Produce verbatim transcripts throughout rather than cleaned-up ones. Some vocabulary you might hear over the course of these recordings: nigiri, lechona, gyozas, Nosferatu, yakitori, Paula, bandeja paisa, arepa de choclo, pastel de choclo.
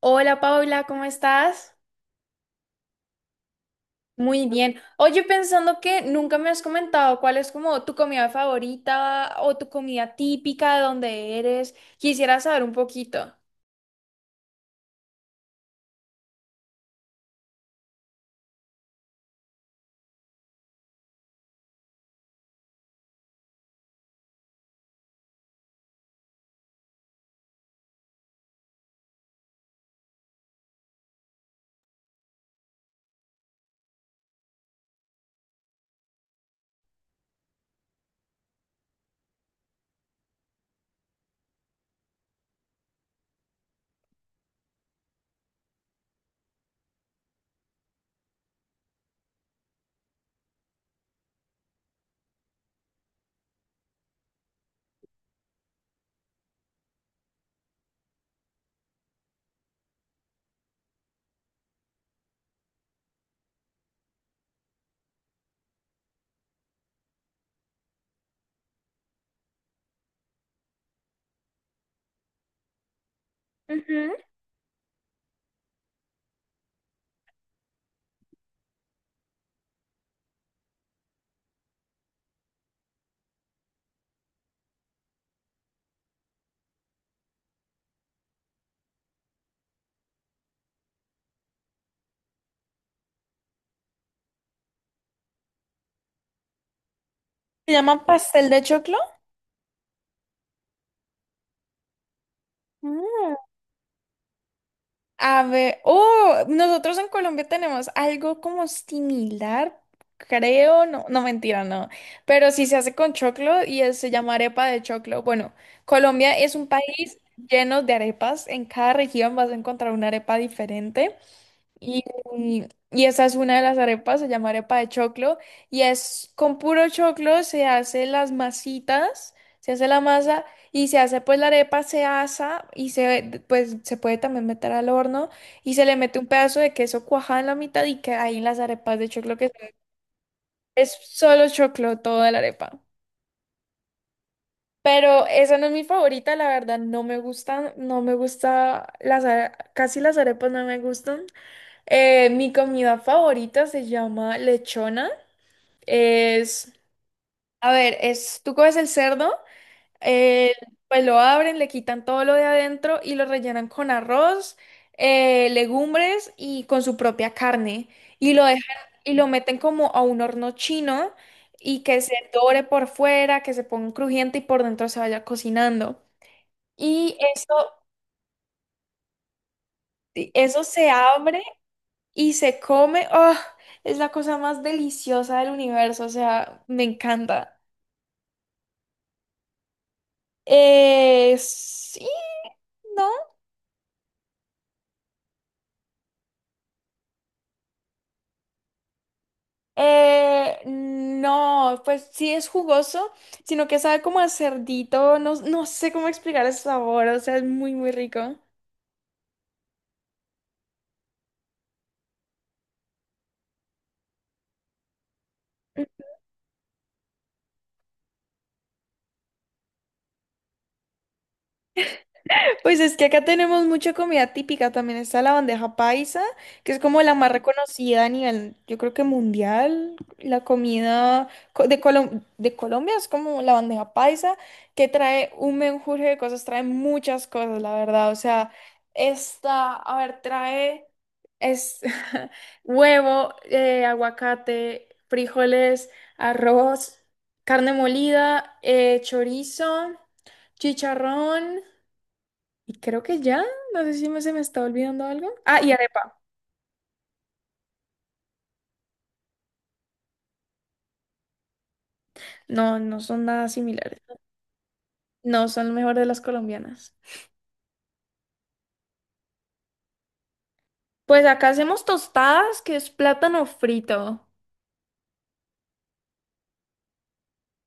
Hola Paula, ¿cómo estás? Muy bien. Oye, pensando que nunca me has comentado cuál es como tu comida favorita o tu comida típica de donde eres, quisiera saber un poquito. Ujú. Se llama pastel de choclo. Mm. A ver, oh, nosotros en Colombia tenemos algo como similar, creo, no, no mentira, no, pero sí se hace con choclo y es- se llama arepa de choclo. Bueno, Colombia es un país lleno de arepas, en cada región vas a encontrar una arepa diferente. Y, y esta es una de las arepas, se llama arepa de choclo, y es con puro choclo, se hace las masitas, se hace la masa y se hace pues la arepa, se asa y se pues se puede también meter al horno y se le mete un pedazo de queso cuajado en la mitad y que ahí las arepas de choclo que es solo choclo toda la arepa. Pero esa no es mi favorita, la verdad, no me gustan, no me gusta las are- casi las arepas no me gustan. Eh, mi comida favorita se llama lechona. Es, a ver, es, tú coges el cerdo, eh, pues lo abren, le quitan todo lo de adentro y lo rellenan con arroz, eh, legumbres y con su propia carne. Y lo dejan y lo meten como a un horno chino y que se dore por fuera, que se ponga crujiente y por dentro se vaya cocinando. Y eso, eso se abre. Y se come, ¡oh!, es la cosa más deliciosa del universo, o sea, me encanta. Eh, sí, ¿no? Eh, no, pues sí es jugoso, sino que sabe como a cerdito, no, no sé cómo explicar el sabor, o sea, es muy, muy rico. Pues es que acá tenemos mucha comida típica, también está la bandeja paisa, que es como la más reconocida a nivel, yo creo que mundial. La comida co- de, Colom- de Colombia es como la bandeja paisa, que trae un menjurje de cosas, trae muchas cosas, la verdad. O sea, esta, a ver, trae es, huevo, eh, aguacate, frijoles, arroz, carne molida, eh, chorizo, chicharrón. Y creo que ya, no sé si me- se me está olvidando algo. Ah, y arepa. No, no son nada similares. No, son lo mejor de las colombianas. Pues acá hacemos tostadas, que es plátano frito.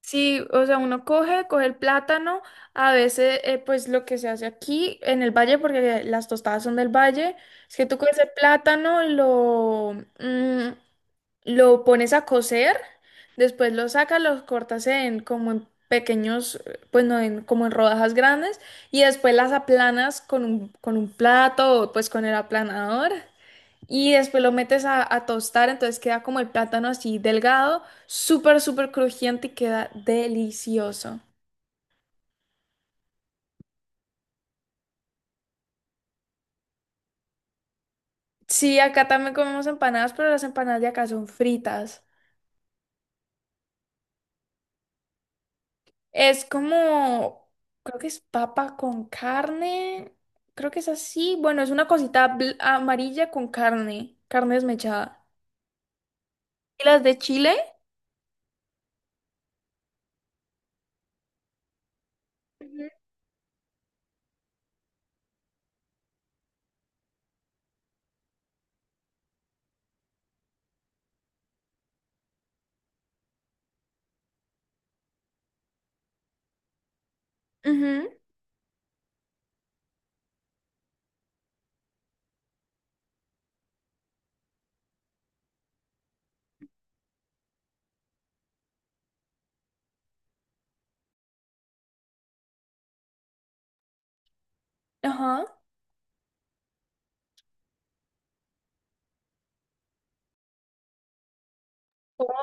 Sí, o sea, uno coge, coge el plátano, a veces eh, pues lo que se hace aquí en el valle, porque las tostadas son del valle, es que tú coges el plátano, lo, mm, lo pones a cocer, después lo sacas, los cortas en como en pequeños, eh, pues no, en, como en rodajas grandes, y después las aplanas con un, con un plato o pues con el aplanador. Y después lo metes a, a tostar, entonces queda como el plátano así delgado, súper, súper crujiente y queda delicioso. Sí, acá también comemos empanadas, pero las empanadas de acá son fritas. Es como, creo que es papa con carne, creo que es así. Bueno, es una cosita bl- amarilla con carne, carne desmechada. ¿Y las de Chile? Ujú. Ujú. Ajá. ¿Cómo?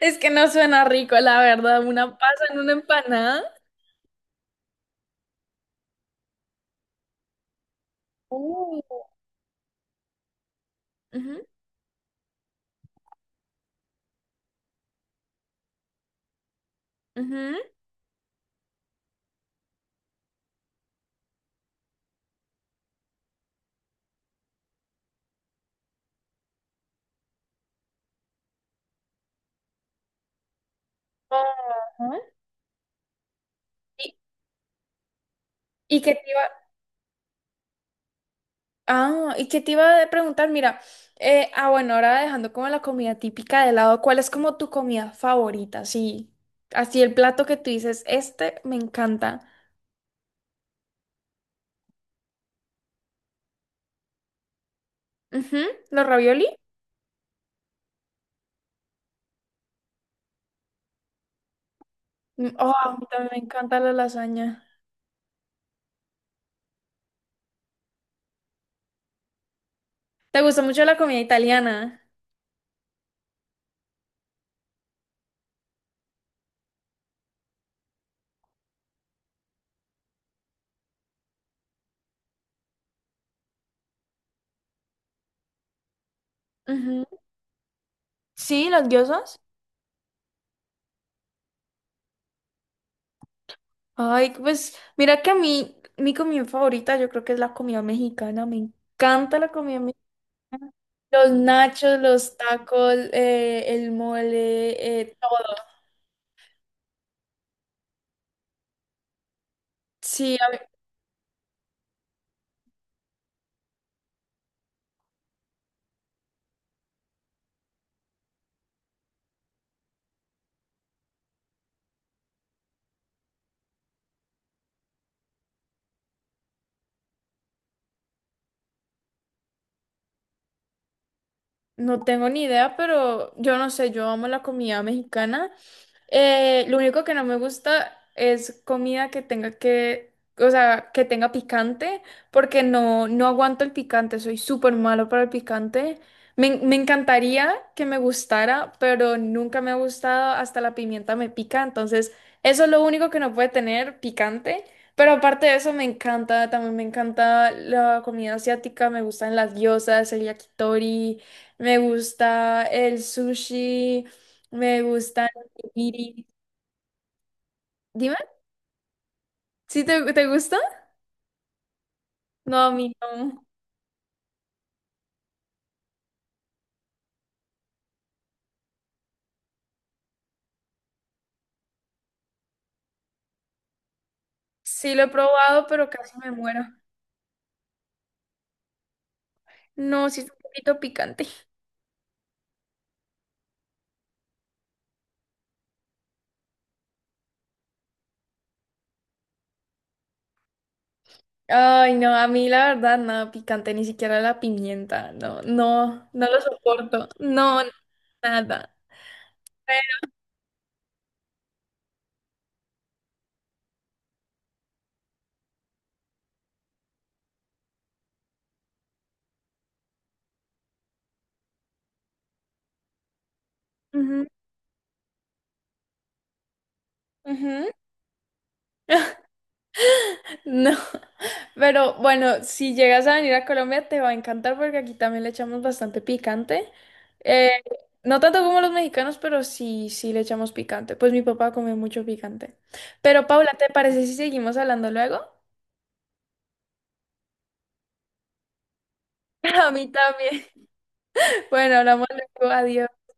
Es que no suena rico, la verdad, una pasa en una empanada. Uh. Ujú. Ujú. Ajá. Y, y que te iba, ah, y que te iba a preguntar, mira, eh, ah, bueno, ahora dejando como la comida típica de lado, ¿cuál es como tu comida favorita? Sí, así el plato que tú dices, este me encanta. Ujú. ¿Los ravioli? Mm. Oh, a mí también me encanta la lasaña. ¿Te gusta mucho la comida italiana? Ujú. Sí, las diosas. Ay, pues mira que a mí, mi comida favorita yo creo que es la comida mexicana. Me encanta la comida. Los nachos, los tacos, eh, el mole, eh, todo. Sí, a no tengo ni idea, pero yo no sé, yo amo la comida mexicana. Eh, lo único que no me gusta es comida que tenga que, o sea, que tenga picante, porque no, no aguanto el picante, soy súper malo para el picante. Me, en- me encantaría que me gustara, pero nunca me ha gustado, hasta la pimienta me pica, entonces eso es lo único que no puede tener picante. Pero aparte de eso me encanta, también me encanta la comida asiática, me gustan las gyozas, el yakitori. Me gusta el sushi, me gusta el nigiri. Dime, ¿sí te, te gusta? No, a mí no. Sí lo he probado, pero casi me muero. No, sí es un poquito picante. Ay, no, a mí la verdad nada picante, ni siquiera la pimienta. No, no, no lo soporto. No, nada. Ujú, ujú. No, pero bueno, si llegas a venir a Colombia te va a encantar porque aquí también le echamos bastante picante. Eh, no tanto como los mexicanos, pero sí, sí le echamos picante. Pues mi papá come mucho picante. Pero Paula, ¿te parece si seguimos hablando luego? A mí también. Bueno, hablamos luego. Adiós.